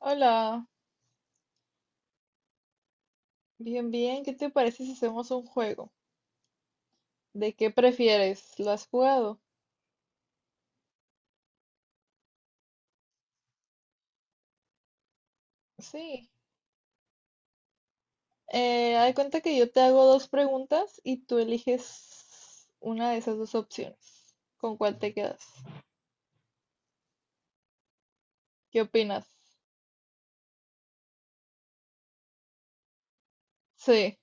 Hola, bien, bien. ¿Qué te parece si hacemos un juego? ¿De qué prefieres? ¿Lo has jugado? Sí. Haz de cuenta que yo te hago dos preguntas y tú eliges una de esas dos opciones. ¿Con cuál te quedas? ¿Qué opinas? Sí.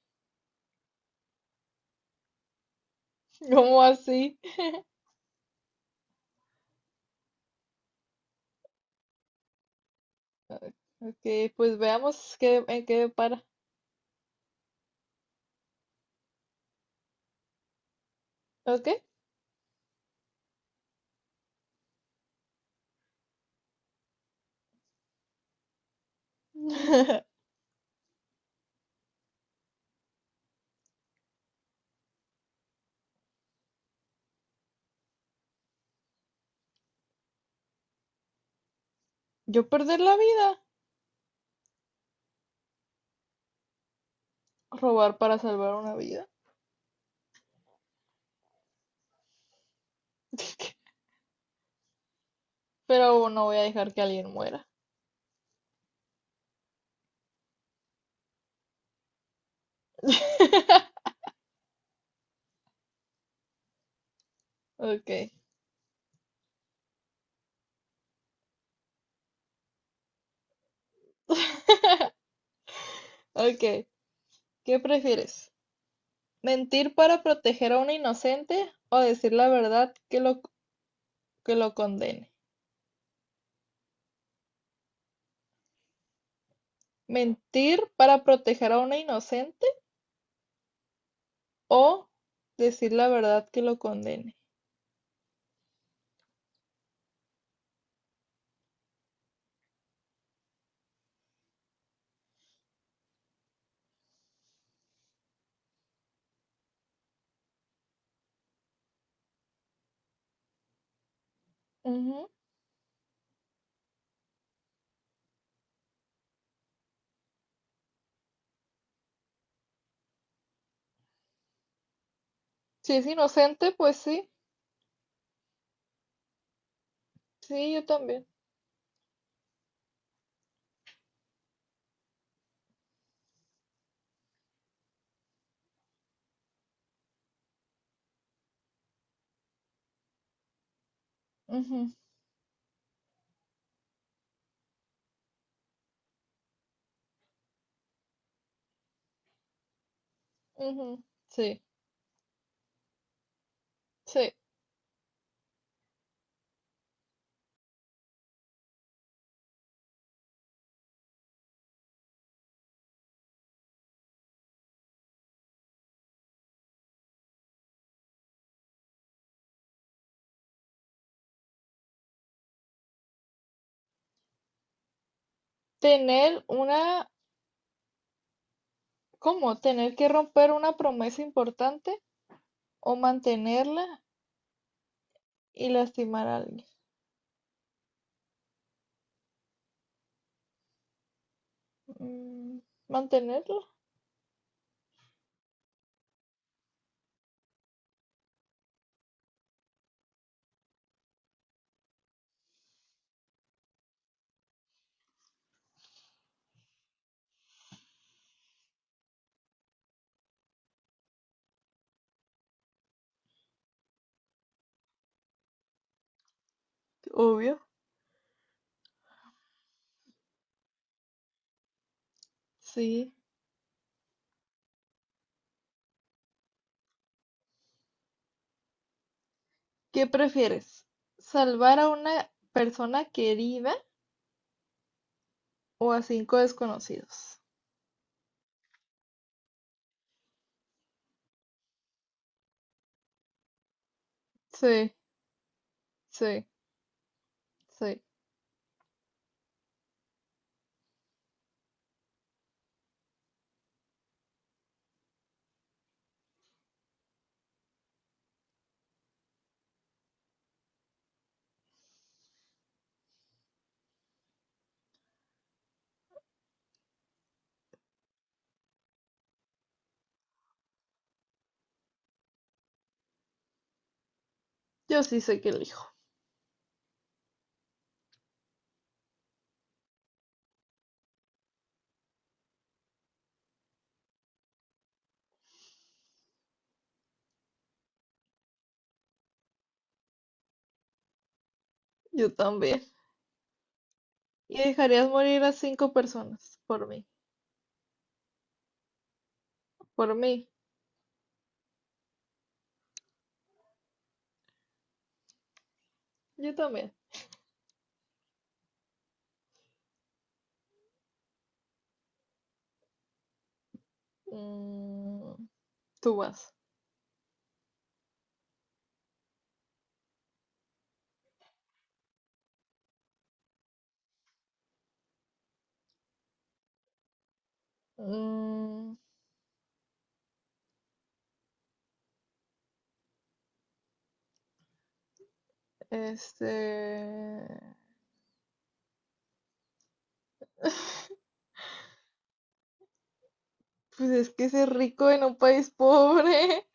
¿Cómo así? Ok, pues veamos qué, en qué para. ¿Ok? Yo perder la vida. Robar para salvar una vida. Pero no voy a dejar que alguien muera. Ok. Ok. ¿Qué prefieres, mentir para proteger a un inocente o decir la verdad que que lo condene? ¿Mentir para proteger a una inocente o decir la verdad que lo condene? Ujú. Si es inocente, pues sí, sí, yo también. Ujú, ujú, sí, sí. Tener una, ¿cómo? Tener que romper una promesa importante o mantenerla y lastimar a alguien. Mm, mantenerla, obvio, sí. ¿Qué prefieres, salvar a una persona querida o a cinco desconocidos? Sí, sí, sí. Yo sí sé que elijo. Yo también. ¿Y dejarías morir a cinco personas por mí? Por mí. Yo también. Mm, tú vas. Mm, este... Pues es que ser rico en un país pobre.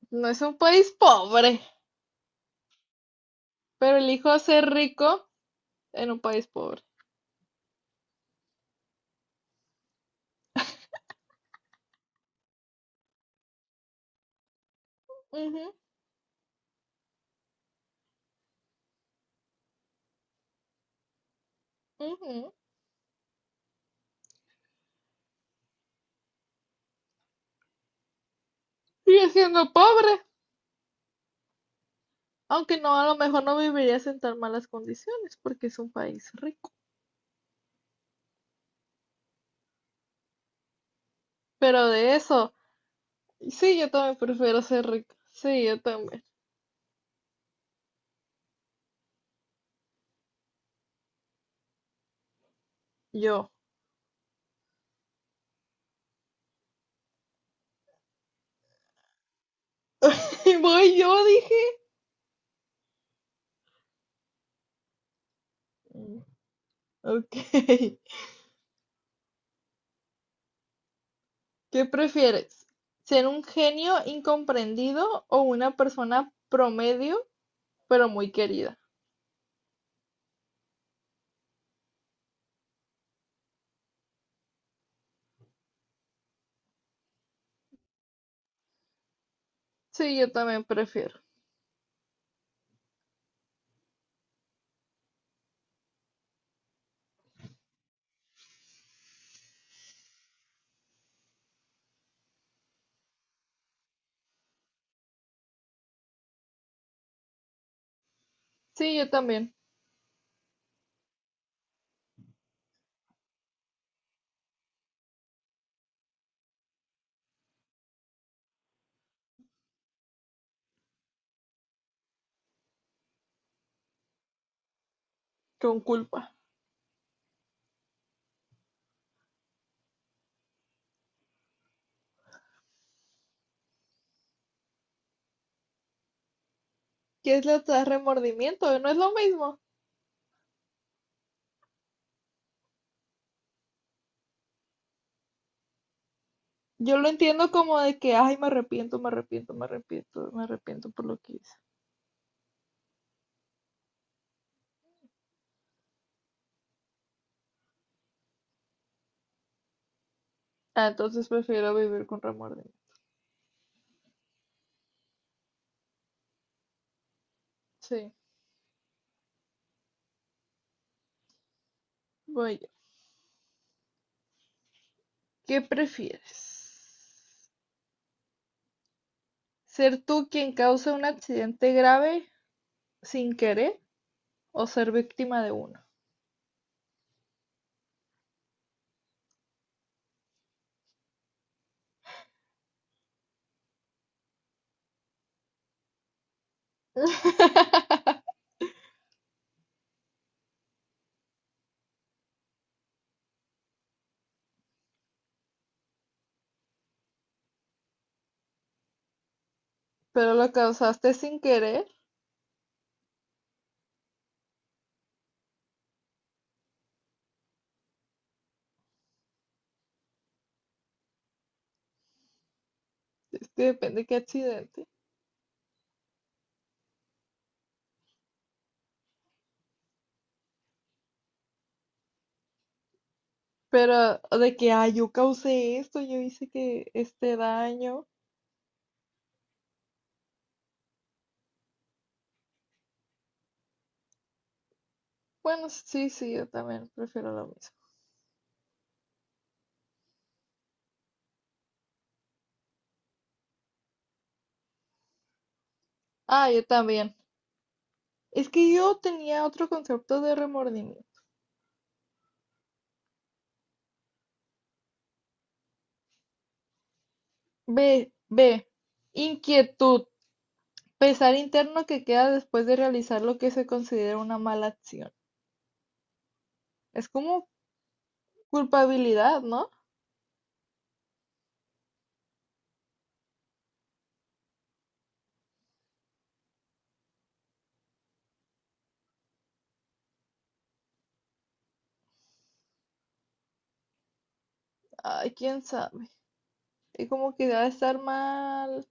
No es un país pobre, pero elijo ser rico en un país pobre. Ujú, ujú. Sigue siendo pobre, aunque no, a lo mejor no vivirías en tan malas condiciones porque es un país rico. Pero de eso, sí, yo también prefiero ser rico. Sí, yo también. Yo. Y voy, yo dije. Mm, Ok. ¿Qué prefieres? ¿Ser un genio incomprendido o una persona promedio pero muy querida? Sí, yo también prefiero. Sí, yo también. Con culpa. ¿Qué es lo que da remordimiento? No es lo mismo. Yo lo entiendo como de que, ay, me arrepiento, me arrepiento, me arrepiento, me arrepiento por lo que hice. Ah, entonces prefiero vivir con remordimiento. Sí, voy yo. ¿Qué prefieres? ¿Ser tú quien causa un accidente grave sin querer o ser víctima de uno? Pero lo causaste sin querer, es que depende de qué accidente. Pero de que, ay, yo causé esto, yo hice que este daño. Bueno, sí, sí, yo también prefiero lo mismo. Ah, yo también. Es que yo tenía otro concepto de remordimiento. B, B, inquietud, pesar interno que queda después de realizar lo que se considera una mala acción. Es como culpabilidad, ¿no? Ay, quién sabe. Es como que debe estar mal,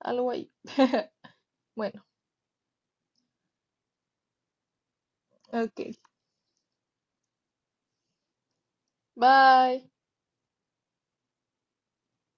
algo ahí. Bueno, ok. Bye.